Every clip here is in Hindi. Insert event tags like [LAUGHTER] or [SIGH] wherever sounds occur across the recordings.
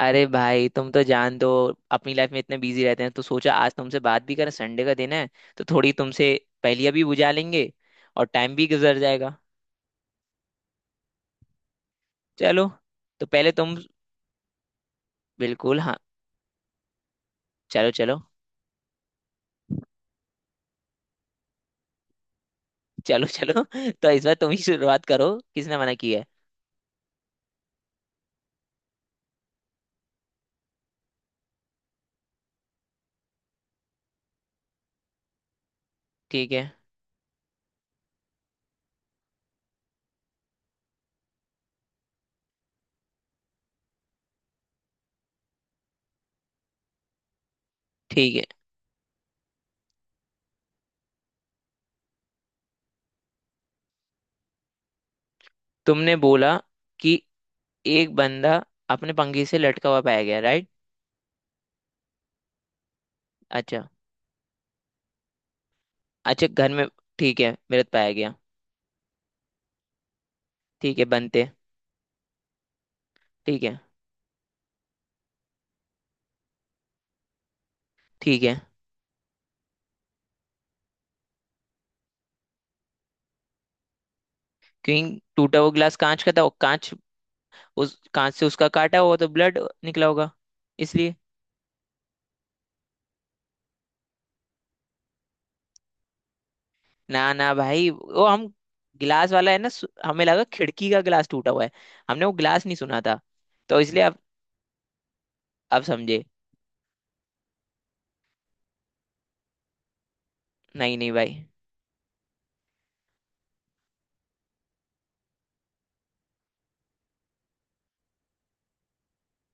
अरे भाई तुम तो जान दो। अपनी लाइफ में इतने बिजी रहते हैं तो सोचा आज तुमसे बात भी करें, संडे का दिन है तो थोड़ी तुमसे पहेलियां भी बुझा लेंगे और टाइम भी गुजर जाएगा। चलो, तो पहले तुम। बिल्कुल हाँ। चलो चलो चलो चलो [LAUGHS] तो इस बार तुम ही शुरुआत करो, किसने मना किया है। ठीक है। ठीक है। तुमने बोला कि एक बंदा अपने पंखे से लटका हुआ पाया गया, राइट। अच्छा। अच्छा, घर में। ठीक है, मृत पाया गया। ठीक है बनते। ठीक है। ठीक है। क्योंकि टूटा हुआ गिलास कांच का था और कांच, उस कांच से उसका काटा होगा तो ब्लड निकला होगा, इसलिए। ना ना भाई, वो हम गिलास वाला है ना, हमें लगा खिड़की का गिलास टूटा हुआ है, हमने वो गिलास नहीं सुना था। तो इसलिए अब समझे। नहीं नहीं भाई।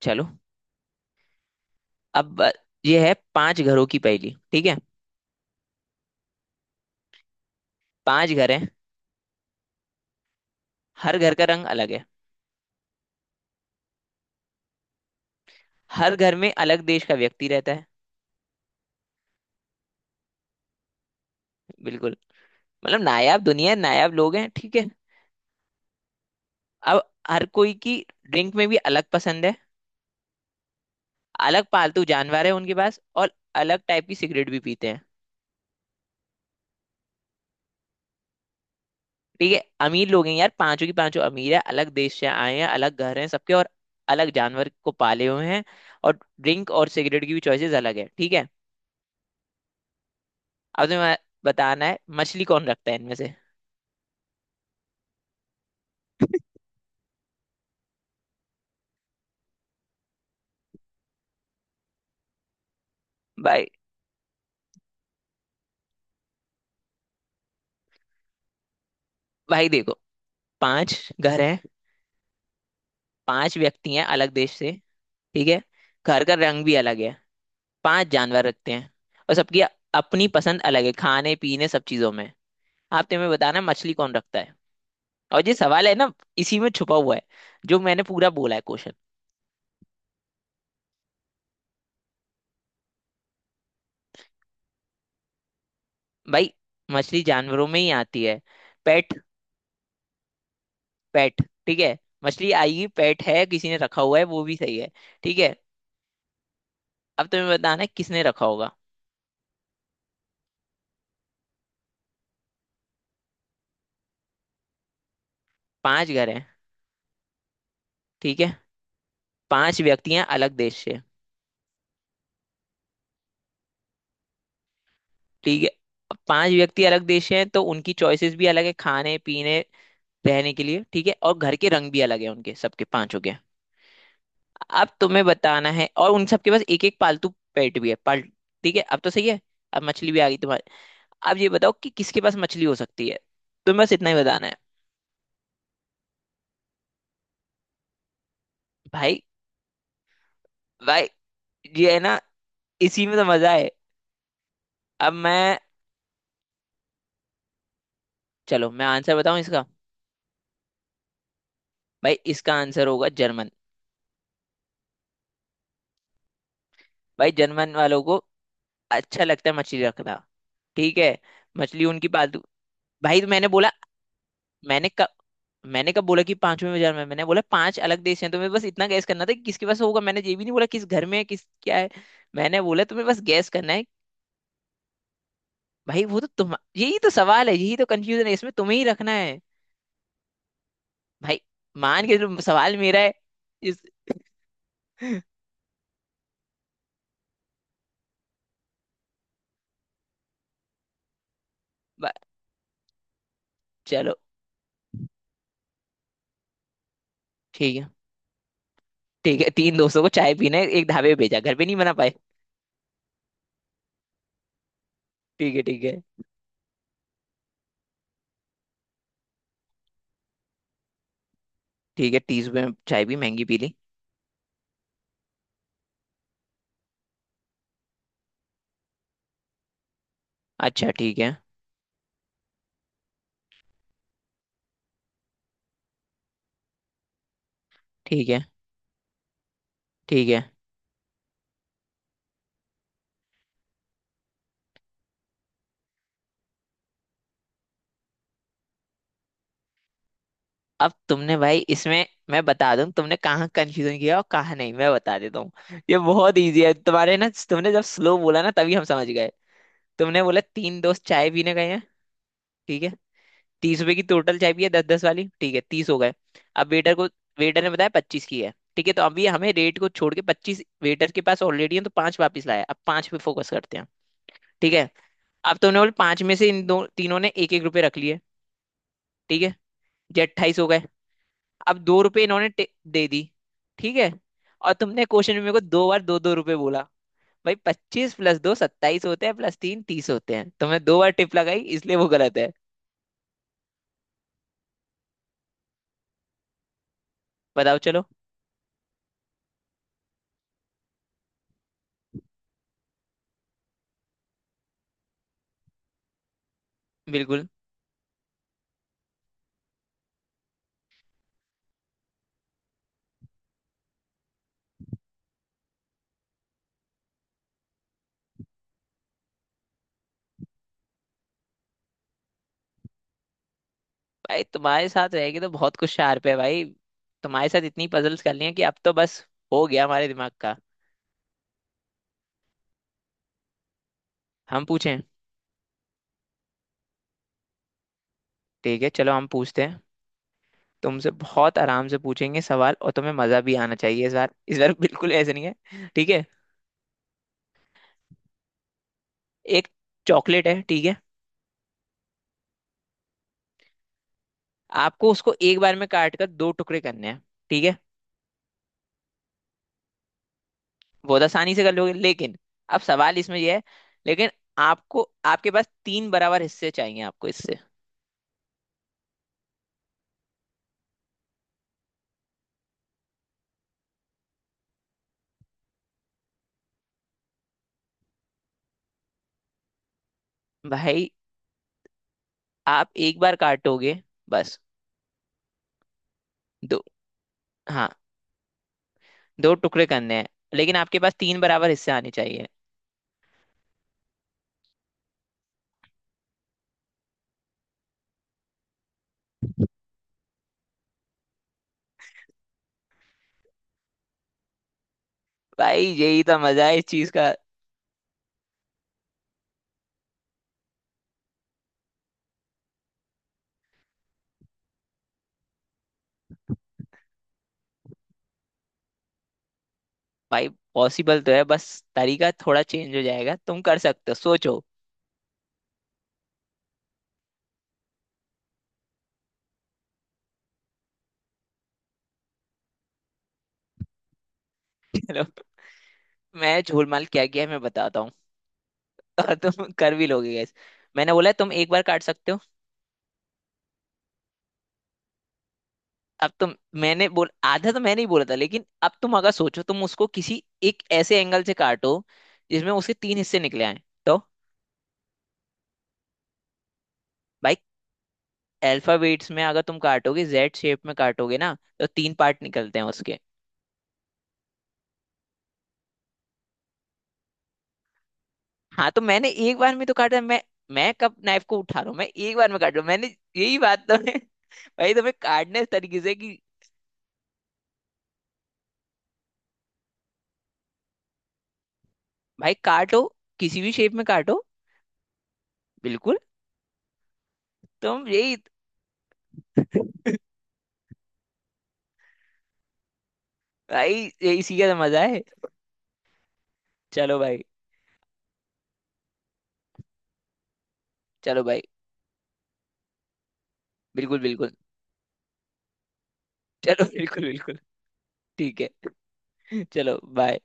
चलो। अब ब- ये है पांच घरों की पहेली, ठीक है। पांच घर हैं, हर घर का रंग अलग है, हर घर में अलग देश का व्यक्ति रहता है। बिल्कुल। मतलब नायाब दुनिया है, नायाब लोग हैं, ठीक है। अब हर कोई की ड्रिंक में भी अलग पसंद है, अलग पालतू जानवर है उनके पास, और अलग टाइप की सिगरेट भी पीते हैं। ठीक है, अमीर लोग हैं यार, पांचों की पांचों अमीर है, अलग देश से आए हैं, अलग घर हैं सबके, और अलग जानवर को पाले हुए हैं, और ड्रिंक और सिगरेट की भी चॉइसेस अलग है, ठीक है। अब तुम्हें बताना है मछली कौन रखता है इनमें से। भाई भाई देखो, पांच घर हैं, पांच व्यक्ति हैं अलग देश से, ठीक है। घर का रंग भी अलग है, पांच जानवर रखते हैं, और सबकी अपनी पसंद अलग है खाने पीने सब चीजों में। आप तुम्हें बताना है, मछली कौन रखता है, और ये सवाल है ना, इसी में छुपा हुआ है, जो मैंने पूरा बोला है क्वेश्चन। भाई मछली जानवरों में ही आती है। पेट। पेट, ठीक है। मछली आएगी, पेट है, किसी ने रखा हुआ है वो भी सही है। ठीक है, अब तुम्हें बताना है किसने रखा होगा। पांच घर हैं, ठीक है। पांच व्यक्ति हैं अलग देश से, ठीक है। अब पांच व्यक्ति अलग देश से हैं, तो उनकी चॉइसेस भी अलग है खाने पीने रहने के लिए, ठीक है। और घर के रंग भी अलग है उनके, सबके पांचों के। अब तुम्हें बताना है, और उन सबके पास एक एक पालतू पेट भी है पाल, ठीक है। अब तो सही है, अब मछली भी आ गई तुम्हारे। अब ये बताओ कि किसके पास मछली हो सकती है, तुम्हें बस इतना ही बताना है। भाई भाई ये है ना, इसी में तो मजा है। अब मैं चलो मैं आंसर बताऊं इसका। भाई इसका आंसर होगा जर्मन। भाई जर्मन वालों को अच्छा लगता है मछली रखना, ठीक है। मछली उनकी पालतू। भाई तो मैंने बोला, मैंने कब मैंने कब बोला कि पांचवें बाजार में, मैंने बोला पांच अलग देश हैं, तुम्हें बस इतना गैस करना था कि किसके पास होगा, मैंने ये भी नहीं बोला किस घर में है किस क्या है। मैंने बोला तुम्हें बस गैस करना है। भाई वो तो तुम, यही तो सवाल है, यही तो कंफ्यूजन है, इसमें तुम्हें ही रखना है। भाई मान के चलो सवाल मेरा है। इस [LAUGHS] बा- चलो। ठीक है। ठीक है तीन दोस्तों को चाय पीने एक ढाबे पे भेजा, घर पे नहीं बना पाए। ठीक है ठीक है। ठीक है, तीस रुपये में चाय भी महंगी पी ली। अच्छा ठीक है। ठीक है। ठीक है। अब तुमने भाई इसमें, मैं बता दूं तुमने कहाँ कंफ्यूजन किया और कहाँ नहीं, मैं बता देता हूँ। ये बहुत इजी है तुम्हारे ना, तुमने जब स्लो बोला ना तभी हम समझ गए। तुमने बोला तीन दोस्त चाय पीने गए हैं। ठीक है, तीस रुपए की टोटल चाय पी है, दस दस वाली, ठीक है, तीस हो गए। अब वेटर को, वेटर ने बताया पच्चीस की है, ठीक है, तो अभी हमें रेट को छोड़ के पच्चीस वेटर के पास ऑलरेडी है, तो पांच वापस लाया, अब पांच पे फोकस करते हैं, ठीक है। अब तुमने बोले पांच में से इन दो, तीनों ने एक एक रुपये रख लिए, ठीक है, ये अट्ठाईस हो गए। अब दो रुपए इन्होंने दे दी, ठीक है। और तुमने क्वेश्चन में मेरे को दो बार दो दो रुपए बोला। भाई पच्चीस प्लस दो सत्ताईस होते हैं, प्लस तीन तीस होते हैं, तुमने दो बार टिप लगाई इसलिए वो गलत है। बताओ चलो। बिल्कुल। भाई तुम्हारे साथ रहेगी तो बहुत कुछ शार्प है भाई। तुम्हारे साथ इतनी पजल्स कर ली हैं कि अब तो बस हो गया हमारे दिमाग का। हम पूछें। ठीक है चलो हम पूछते हैं। तुमसे बहुत आराम से पूछेंगे सवाल, और तुम्हें मजा भी आना चाहिए इस बार, इस बार बिल्कुल ऐसे नहीं है, ठीक है। एक चॉकलेट है, ठीक है। आपको उसको एक बार में काट कर दो टुकड़े करने हैं, ठीक है। बहुत आसानी से कर लोगे, लेकिन अब सवाल इसमें यह है, लेकिन आपको, आपके पास तीन बराबर हिस्से चाहिए आपको इससे। भाई आप एक बार काटोगे बस, दो, हाँ दो टुकड़े करने हैं, लेकिन आपके पास तीन बराबर हिस्से आने चाहिए। भाई यही तो मजा है इस चीज का। भाई पॉसिबल तो है, बस तरीका थोड़ा चेंज हो जाएगा, तुम कर सकते हो सोचो। चलो मैं झोलमाल क्या किया है मैं बताता हूँ, और तुम कर भी लोगे guys। मैंने बोला है, तुम एक बार काट सकते हो। अब तुम, मैंने बोल आधा तो मैंने ही बोला था, लेकिन अब तुम अगर सोचो, तुम उसको किसी एक ऐसे एंगल से काटो जिसमें उसके तीन हिस्से निकले आए तो। भाई अल्फाबेट्स में अगर तुम काटोगे, जेड शेप में काटोगे ना, तो तीन पार्ट निकलते हैं उसके। हाँ तो मैंने एक बार में तो काटा है। मैं कब नाइफ को उठा रहा हूँ, मैं एक बार में काट रहा हूँ मैंने, यही बात तो है भाई। तुम्हें काटने इस तरीके से कि, भाई काटो किसी भी शेप में काटो। बिल्कुल, तुम यही। [LAUGHS] भाई यही, इसी का तो मजा है। चलो भाई। चलो भाई, बिल्कुल बिल्कुल। चलो बिल्कुल बिल्कुल। ठीक है। [LAUGHS] चलो बाय।